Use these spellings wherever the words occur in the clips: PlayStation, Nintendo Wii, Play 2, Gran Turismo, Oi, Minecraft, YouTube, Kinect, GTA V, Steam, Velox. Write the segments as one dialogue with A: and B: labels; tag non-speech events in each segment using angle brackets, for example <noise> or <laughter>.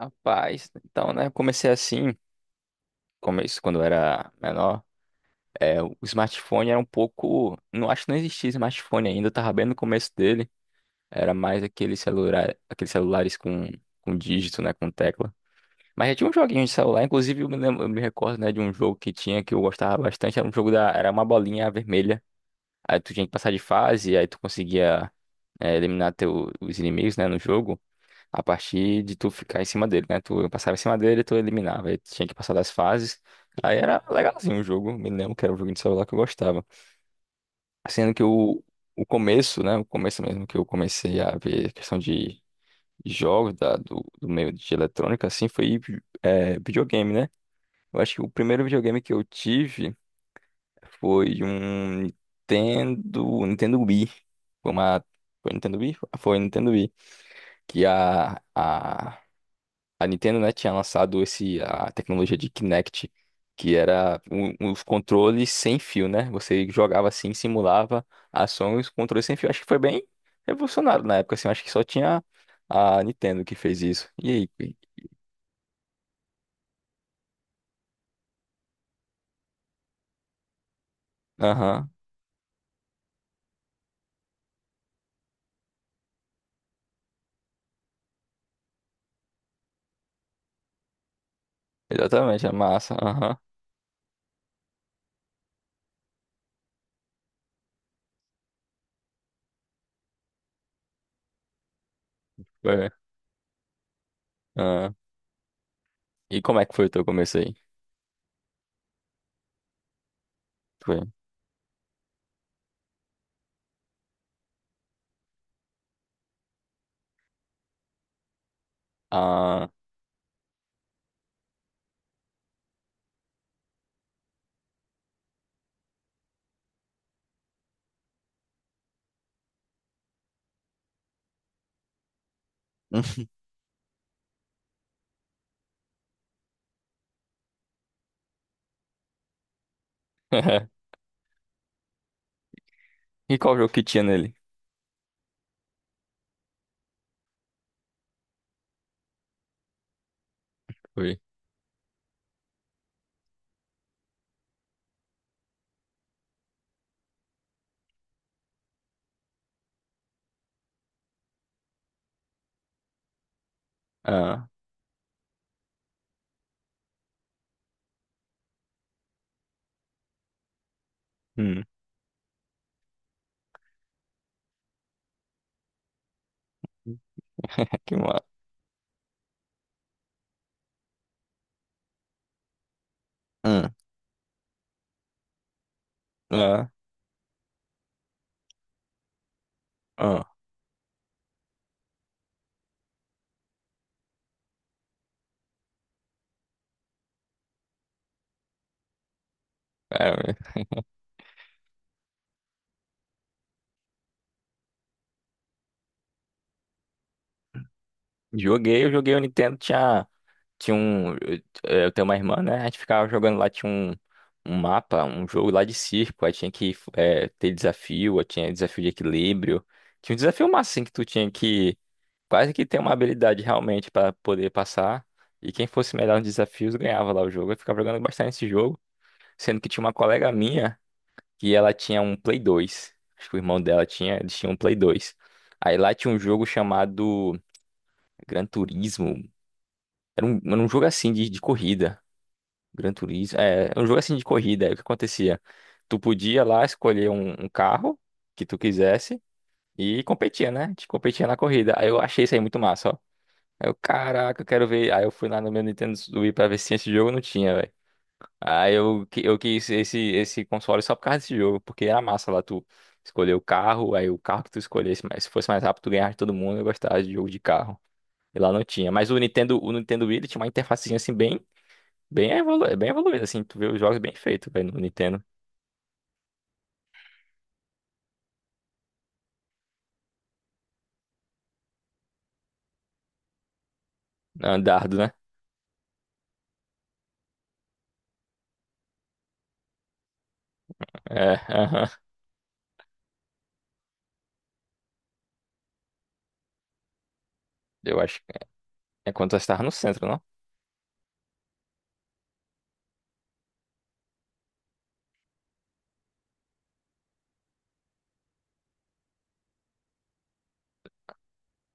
A: Rapaz, então, né? Eu comecei assim, começo quando eu era menor. É, o smartphone era um pouco. Não acho que não existia smartphone ainda, eu tava bem no começo dele. Era mais aquele celular, aqueles celulares com dígito, né? Com tecla. Mas já tinha um joguinho de celular, inclusive eu me recordo, né, de um jogo que tinha que eu gostava bastante. Era um jogo da. Era uma bolinha vermelha. Aí tu tinha que passar de fase, aí tu conseguia eliminar os inimigos, né, no jogo. A partir de tu ficar em cima dele, né? Tu passava em cima dele, tu eliminava. Aí tinha que passar das fases. Aí era legalzinho o jogo. Me lembro que era um jogo de celular que eu gostava. Sendo que o começo, né? O começo mesmo que eu comecei a ver questão de jogos do meio de eletrônica, assim, foi videogame, né? Eu acho que o primeiro videogame que eu tive foi um Nintendo, Nintendo Wii. Foi uma. Foi Nintendo Wii? Foi Nintendo Wii. Que a A Nintendo, né, tinha lançado a tecnologia de Kinect, que era os controles sem fio, né? Você jogava assim, simulava ações, controles sem fio. Acho que foi bem revolucionário na época, assim. Acho que só tinha a Nintendo que fez isso. E aí, Gui? Aham, exatamente, é massa. Aham, foi. Ah, e como é que foi o teu começo aí? Foi. Ah, <laughs> e qual jogo que tinha nele? Foi. Ah, hum. <laughs> Que massa. Hum. Ah, ah. é, Joguei, eu joguei o Nintendo, tinha um. Eu tenho uma irmã, né? A gente ficava jogando lá, tinha um jogo lá de circo, aí tinha que ter desafio, aí tinha desafio de equilíbrio. Tinha um desafio massa, assim, que tu tinha que quase que ter uma habilidade realmente pra poder passar. E quem fosse melhor nos desafios ganhava lá o jogo. Eu ficava jogando bastante esse jogo, sendo que tinha uma colega minha que ela tinha um Play 2. Acho que o irmão dela tinha, eles tinham um Play 2. Aí lá tinha um jogo chamado Gran Turismo, era um jogo assim de corrida. Gran Turismo. É, era um jogo assim de corrida. Aí o que acontecia? Tu podia lá escolher um carro que tu quisesse e competia, né? Te competia na corrida. Aí eu achei isso aí muito massa, ó. Aí eu, caraca, eu quero ver. Aí eu fui lá no meu Nintendo Wii pra ver se tinha esse jogo, não tinha, velho. Aí eu, eu quis esse console só por causa desse jogo, porque era massa lá tu escolher o carro, aí o carro que tu escolhesse, mas se fosse mais rápido, tu ganhava de todo mundo, eu gostava de jogo de carro. E lá não tinha. Mas o Nintendo Wii, ele tinha uma interfacezinha assim bem evoluído, assim, tu vê os jogos bem feitos, velho, no Nintendo. Andardo, né? É, aham. Eu acho que é quando nós estávamos no centro, não?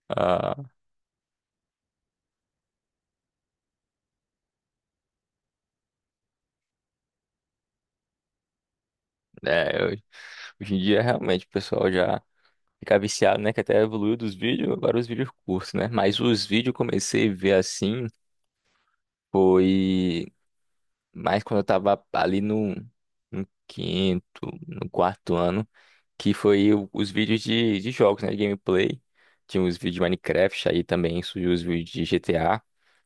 A: Ah, é, hoje em dia, realmente, o pessoal já fica viciado, né? Que até evoluiu dos vídeos, agora os vídeos curtos, né? Mas os vídeos eu comecei a ver, assim, foi mais quando eu tava ali no quinto, no quarto ano, que foi os vídeos de jogos, né? De gameplay. Tinha os vídeos de Minecraft, aí também surgiu os vídeos de GTA.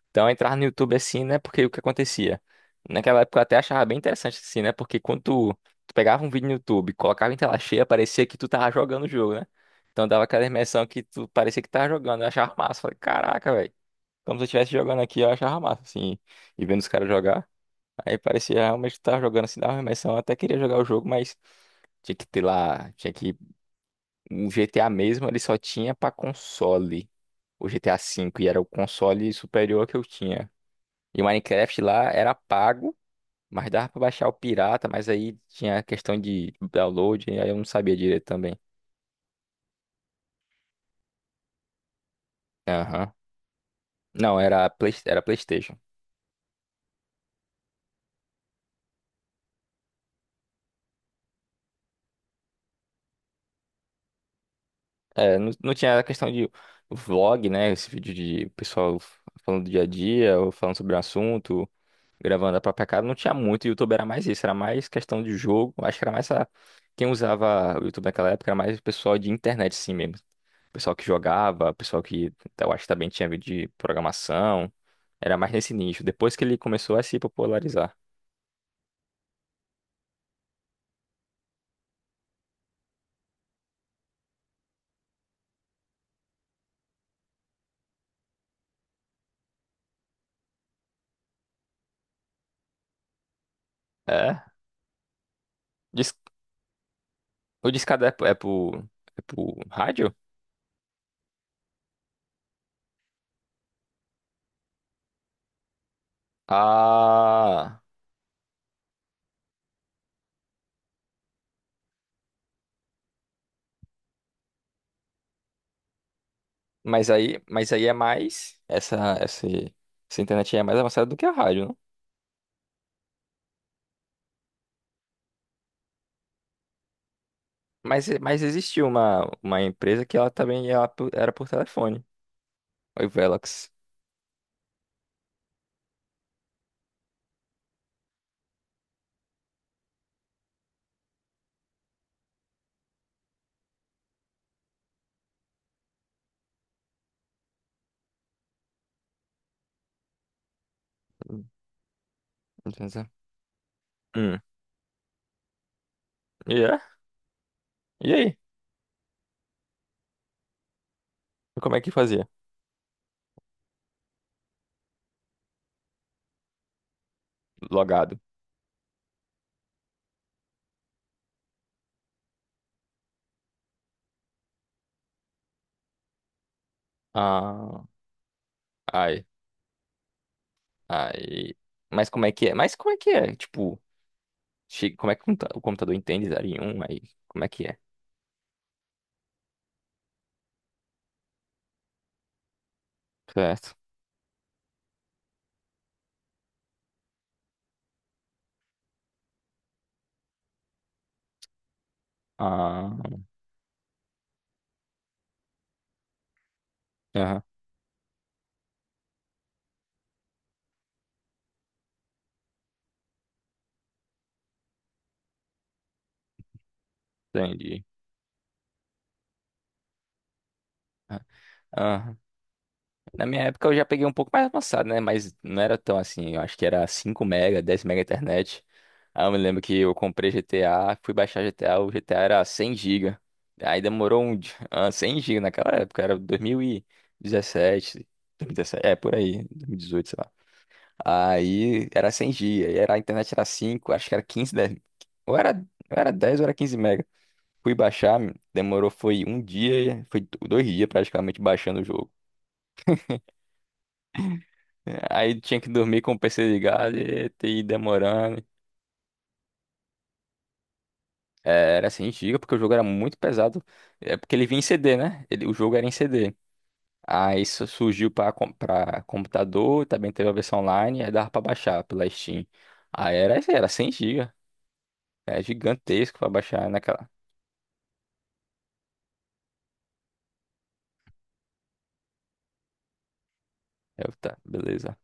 A: Então, eu entrava no YouTube assim, né? Porque o que acontecia? Naquela época eu até achava bem interessante assim, né? Porque quando tu pegava um vídeo no YouTube, colocava em tela cheia, parecia que tu tava jogando o jogo, né? Então dava aquela imersão que tu parecia que tava jogando. Eu achava massa. Falei, caraca, velho. Como se eu estivesse jogando aqui, eu achava massa, assim. E vendo os caras jogar. Aí parecia realmente que tu tava jogando assim, dava uma imersão. Eu até queria jogar o jogo, mas tinha que ter lá. Tinha que. O GTA mesmo, ele só tinha pra console. O GTA V. E era o console superior que eu tinha. E o Minecraft lá era pago, mas dava pra baixar o pirata, mas aí tinha a questão de download, e aí eu não sabia direito também. Aham. Não, era Play, era PlayStation. É, não, não tinha a questão de vlog, né? Esse vídeo de pessoal falando do dia a dia, ou falando sobre um assunto, gravando a própria casa. Não tinha muito, o YouTube era mais isso, era mais questão de jogo. Acho que era mais a... Quem usava o YouTube naquela época era mais o pessoal de internet, sim mesmo. Pessoal que jogava, pessoal que eu acho que também tinha vídeo de programação. Era mais nesse nicho. Depois que ele começou a se popularizar. É? Dis- O discado é pro rádio? Ah, mas aí é mais. Essa internet aí é mais avançada do que a rádio, não? Mas existiu uma empresa que ela também ela era por telefone. Oi, Velox. Entendeu? Hum. E é? E aí? Como é que fazia? Logado. Ah. Ai. Aí. Mas como é que é? Tipo, como é que o o computador entende zero em um. Aí, como é que é? Certo. Ah, aham, entendi. Ah, aham. Na minha época eu já peguei um pouco mais avançado, né? Mas não era tão assim. Eu acho que era 5 mega, 10 mega internet. Aí eu me lembro que eu comprei GTA, fui baixar GTA, o GTA era 100 gigas. Aí demorou um dia. <laughs> 100 giga naquela época, era 2017, é, por aí, 2018 sei lá. Aí era 100 GB, era a internet era 5, acho que era 15 10, ou era 10 ou era 15 mega. Fui baixar, demorou foi um dia, foi 2 dias praticamente baixando o jogo. É, aí tinha que dormir com o PC ligado e ter ido demorando. É, era 100 GB porque o jogo era muito pesado. É porque ele vinha em CD, né? O jogo era em CD. Aí isso surgiu para computador, também teve a versão online, aí dava para baixar pela Steam. Aí era 100 GB. É gigantesco para baixar, né? É o que tá, beleza.